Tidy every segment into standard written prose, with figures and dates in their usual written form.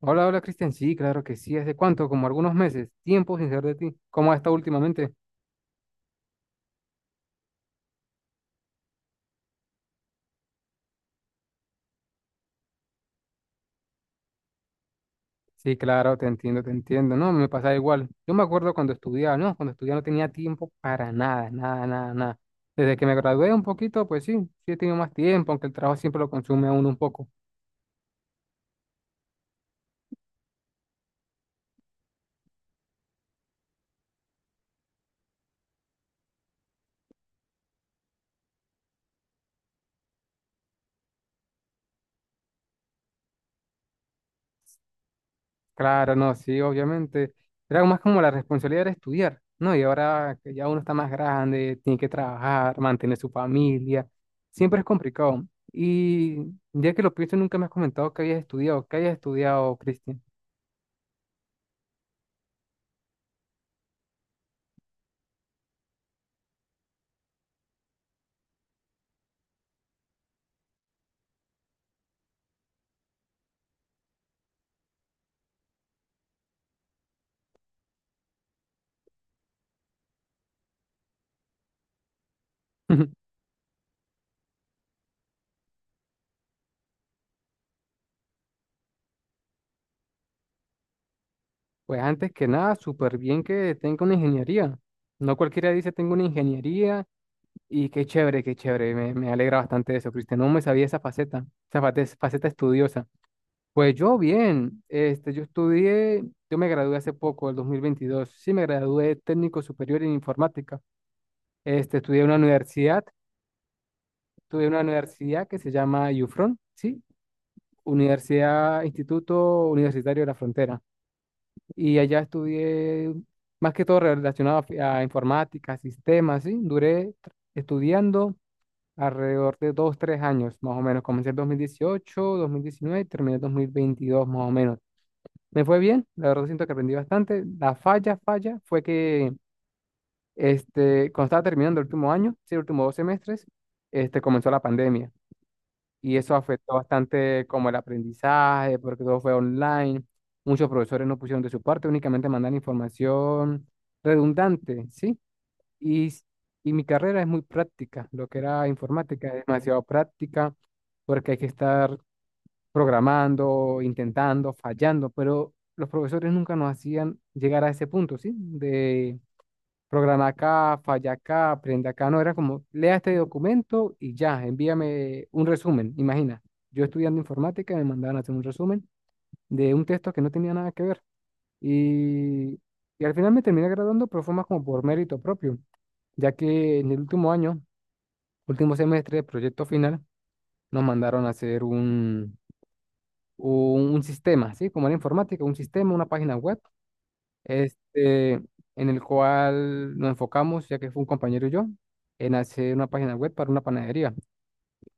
Hola, hola Cristian, sí, claro que sí, ¿hace cuánto? Como algunos meses, tiempo sin saber de ti. ¿Cómo has estado últimamente? Sí, claro, te entiendo, no, me pasa igual. Yo me acuerdo cuando estudiaba no tenía tiempo para nada, nada, nada, nada. Desde que me gradué un poquito, pues sí, sí he tenido más tiempo, aunque el trabajo siempre lo consume a uno un poco. Claro, no, sí, obviamente. Era más como la responsabilidad de estudiar, ¿no? Y ahora que ya uno está más grande, tiene que trabajar, mantener su familia, siempre es complicado. Y ya que lo pienso, nunca me has comentado que habías estudiado, que hayas estudiado, Cristian. Pues antes que nada, súper bien que tenga una ingeniería. No cualquiera dice tengo una ingeniería y qué chévere, qué chévere. Me alegra bastante eso, Cristian. No me sabía esa faceta, esa faceta estudiosa. Pues yo bien, yo me gradué hace poco, el 2022, sí me gradué técnico superior en informática. Este, estudié en una universidad, estudié en una universidad que se llama UFRON, sí, Universidad Instituto Universitario de la Frontera. Y allá estudié más que todo relacionado a informática, sistemas, sí. Duré estudiando alrededor de 2, 3 años, más o menos. Comencé en 2018, 2019 y terminé en 2022, más o menos. Me fue bien, la verdad siento que aprendí bastante. La falla, fue que cuando estaba terminando el último año, sí, el último 2 semestres, comenzó la pandemia y eso afectó bastante como el aprendizaje, porque todo fue online, muchos profesores no pusieron de su parte, únicamente mandan información redundante, ¿sí? Y, s- y mi carrera es muy práctica, lo que era informática es demasiado práctica, porque hay que estar programando, intentando, fallando, pero los profesores nunca nos hacían llegar a ese punto, ¿sí? De programa acá, falla acá, aprende acá, no, era como, lea este documento y ya, envíame un resumen, imagina, yo estudiando informática me mandaban a hacer un resumen de un texto que no tenía nada que ver y, y al final me terminé graduando, pero fue más como por mérito propio, ya que en el último año, último semestre del proyecto final, nos mandaron a hacer un sistema, ¿sí? Como en informática, un sistema, una página web, en el cual nos enfocamos, ya que fue un compañero y yo, en hacer una página web para una panadería.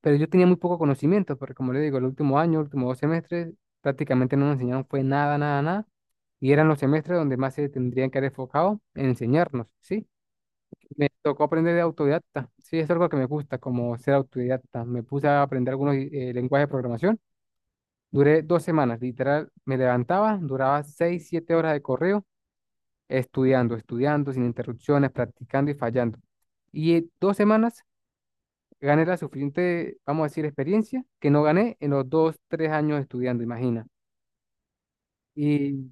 Pero yo tenía muy poco conocimiento, porque como le digo, el último año, los últimos 2 semestres, prácticamente no nos enseñaron fue nada, nada, nada. Y eran los semestres donde más se tendrían que haber enfocado en enseñarnos, ¿sí? Me tocó aprender de autodidacta, sí, es algo que me gusta, como ser autodidacta. Me puse a aprender algunos lenguajes de programación. Duré 2 semanas, literal, me levantaba, duraba 6, 7 horas de correo, estudiando, estudiando, sin interrupciones, practicando y fallando. Y en 2 semanas gané la suficiente, vamos a decir, experiencia que no gané en los 2, 3 años estudiando, imagina. Y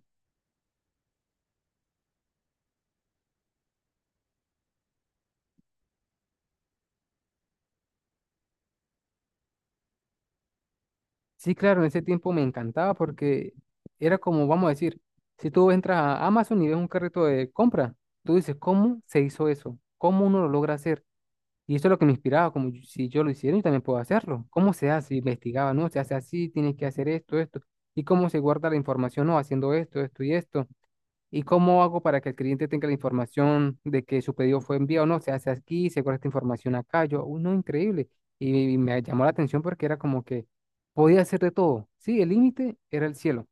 sí, claro, en ese tiempo me encantaba porque era como, vamos a decir, si tú entras a Amazon y ves un carrito de compra, tú dices, ¿cómo se hizo eso? ¿Cómo uno lo logra hacer? Y eso es lo que me inspiraba, como si yo lo hiciera, yo también puedo hacerlo. ¿Cómo se hace? Investigaba, ¿no? Se hace así, tienes que hacer esto, esto. ¿Y cómo se guarda la información? No, haciendo esto, esto y esto. ¿Y cómo hago para que el cliente tenga la información de que su pedido fue enviado? No, se hace aquí, se guarda esta información acá. Yo, uno, increíble. Y me llamó la atención porque era como que podía hacer de todo. Sí, el límite era el cielo.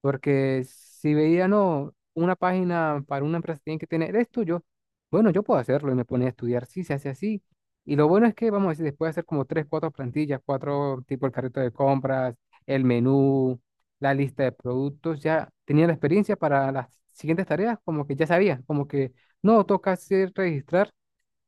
Porque si veía, no, una página para una empresa tiene que tener esto, yo, bueno, yo puedo hacerlo y me ponía a estudiar, sí, se hace así. Y lo bueno es que, vamos a decir, después de hacer como tres, cuatro plantillas, cuatro tipos de carrito de compras, el menú, la lista de productos, ya tenía la experiencia para las siguientes tareas, como que ya sabía, como que no toca hacer registrar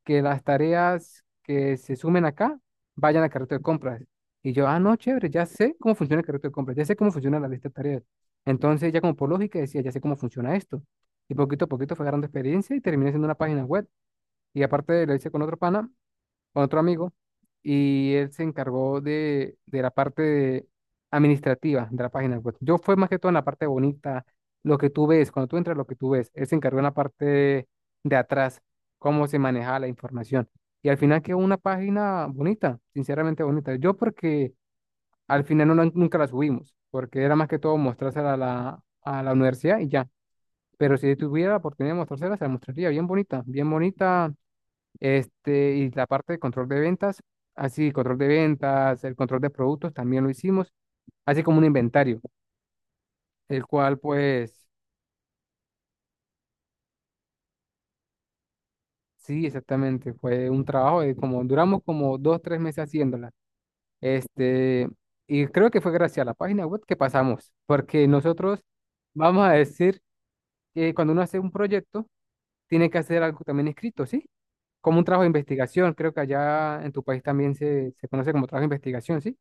que las tareas que se sumen acá vayan al carrito de compras. Y yo, ah, no, chévere, ya sé cómo funciona el carrito de compras, ya sé cómo funciona la lista de tareas. Entonces, ya como por lógica decía, ya sé cómo funciona esto. Y poquito a poquito fue agarrando experiencia y terminé siendo una página web. Y aparte lo hice con otro pana con otro amigo y él se encargó de la parte administrativa de la página web. Yo fue más que todo en la parte bonita, lo que tú ves, cuando tú entras, lo que tú ves. Él se encargó en la parte de atrás, cómo se manejaba la información. Y al final quedó una página bonita, sinceramente bonita. Yo porque al final no, nunca la subimos, porque era más que todo mostrársela a la universidad y ya. Pero si tuviera la oportunidad de mostrársela, se la mostraría bien bonita, bien bonita. Y la parte de control de ventas, así, control de ventas, el control de productos también lo hicimos, así como un inventario, el cual pues sí, exactamente, fue un trabajo de como duramos como 2, 3 meses haciéndola. Este, y creo que fue gracias a la página web que pasamos, porque nosotros vamos a decir que cuando uno hace un proyecto, tiene que hacer algo también escrito, ¿sí? Como un trabajo de investigación, creo que allá en tu país también se conoce como trabajo de investigación, ¿sí?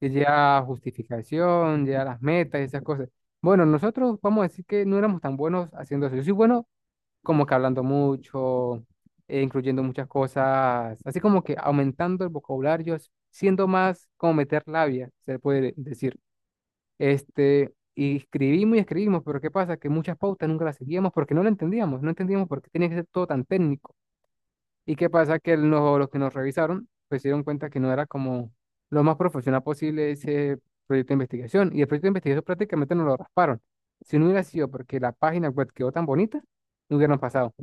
Que lleva justificación, lleva las metas y esas cosas. Bueno, nosotros vamos a decir que no éramos tan buenos haciendo eso. Yo soy bueno como que hablando mucho, incluyendo muchas cosas, así como que aumentando el vocabulario, siendo más como meter labia, se puede decir. Y escribimos y escribimos, pero ¿qué pasa? Que muchas pautas nunca las seguíamos porque no la entendíamos, no entendíamos por qué tenía que ser todo tan técnico. ¿Y qué pasa? Que los que nos revisaron, pues se dieron cuenta que no era como lo más profesional posible ese proyecto de investigación. Y el proyecto de investigación prácticamente nos lo rasparon. Si no hubiera sido porque la página web quedó tan bonita, no hubieran pasado.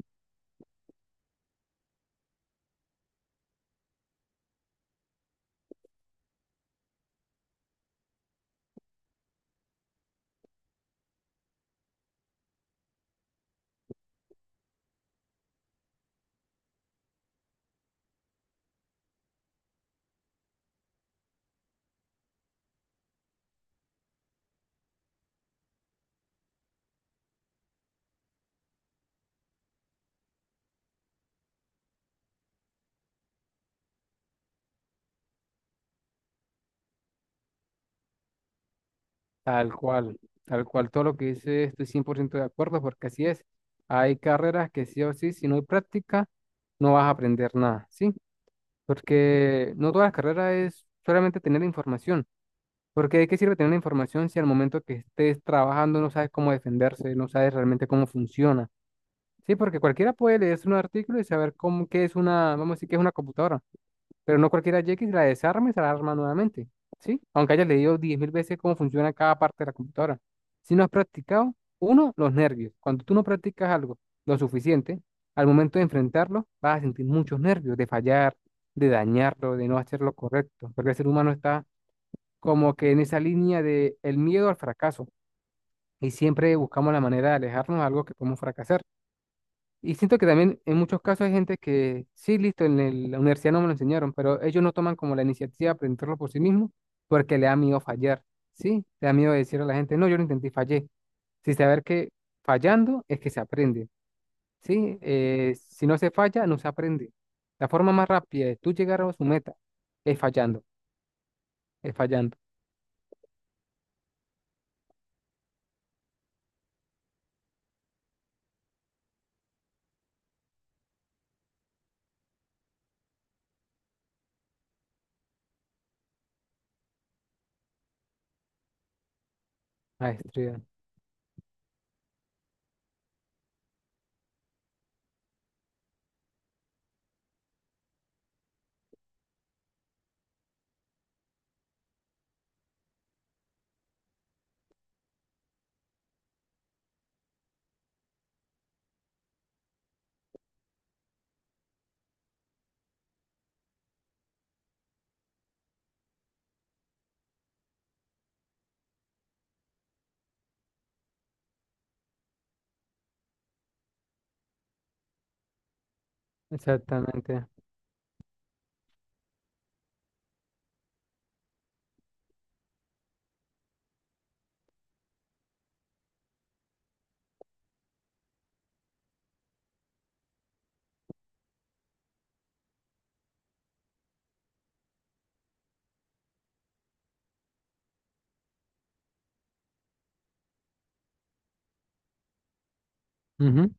Tal cual, tal cual, todo lo que dice estoy 100% de acuerdo porque así es. Hay carreras que sí o sí, si no hay práctica, no vas a aprender nada, ¿sí? Porque no todas las carreras es solamente tener la información. Porque de qué sirve tener la información si al momento que estés trabajando no sabes cómo defenderse, no sabes realmente cómo funciona. Sí, porque cualquiera puede leerse un artículo y saber cómo, qué es una, vamos a decir que es una computadora, pero no cualquiera llega y la desarma y se la arma nuevamente, ¿sí? Aunque hayas leído 10.000 veces cómo funciona cada parte de la computadora. Si no has practicado, uno, los nervios. Cuando tú no practicas algo lo suficiente, al momento de enfrentarlo, vas a sentir muchos nervios de fallar, de dañarlo, de no hacer lo correcto, porque el ser humano está como que en esa línea de el miedo al fracaso y siempre buscamos la manera de alejarnos de algo que podemos fracasar. Y siento que también en muchos casos hay gente que sí, listo, en la universidad no me lo enseñaron, pero ellos no toman como la iniciativa de aprenderlo por sí mismos porque le da miedo fallar, ¿sí? Le da miedo decir a la gente, no, yo lo intenté y fallé, sin saber que fallando es que se aprende, ¿sí? Si no se falla, no se aprende. La forma más rápida de tú llegar a su meta es fallando, es fallando. Maestría, exactamente. Ujú.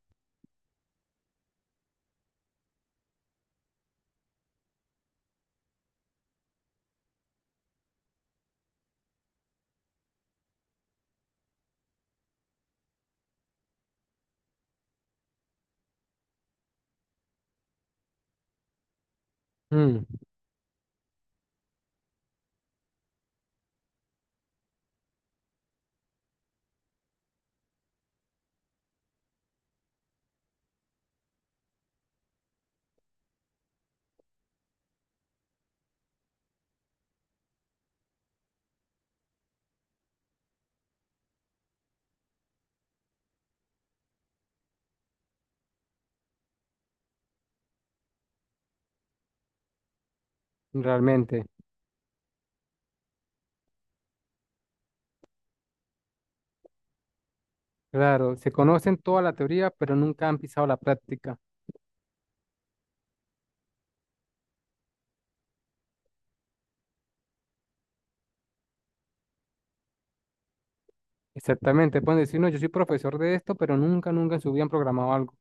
Mm, realmente, claro, se conocen toda la teoría, pero nunca han pisado la práctica. Exactamente, pueden decir, no, yo soy profesor de esto, pero nunca, nunca en su vida han programado algo.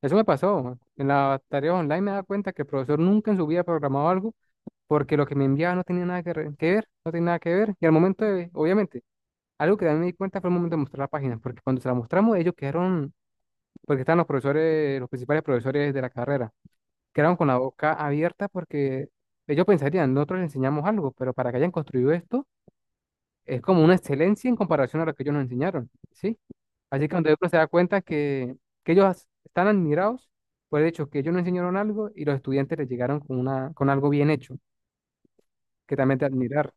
Eso me pasó. En las tareas online me da cuenta que el profesor nunca en su vida ha programado algo porque lo que me enviaba no tenía nada que ver, no tenía nada que ver. Y al momento de, obviamente, algo que también me di cuenta fue el momento de mostrar la página, porque cuando se la mostramos ellos quedaron, porque estaban los profesores, los principales profesores de la carrera. Quedaron con la boca abierta porque ellos pensarían, nosotros les enseñamos algo, pero para que hayan construido esto es como una excelencia en comparación a lo que ellos nos enseñaron, ¿sí? Así que cuando uno se da cuenta que, ellos están admirados por el hecho que ellos nos enseñaron algo y los estudiantes les llegaron con, una, con algo bien hecho, que también te admirar.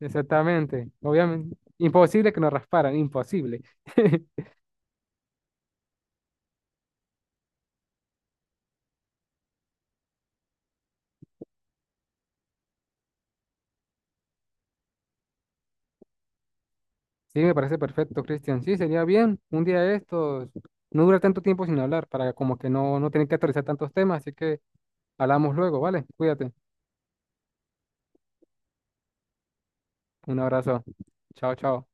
Exactamente, obviamente. Imposible que nos rasparan, imposible. Sí, me parece perfecto, Cristian. Sí, sería bien. Un día de estos, no dura tanto tiempo sin hablar, para como que no, no tener que actualizar tantos temas. Así que hablamos luego, ¿vale? Cuídate. Un abrazo. Chao, chao.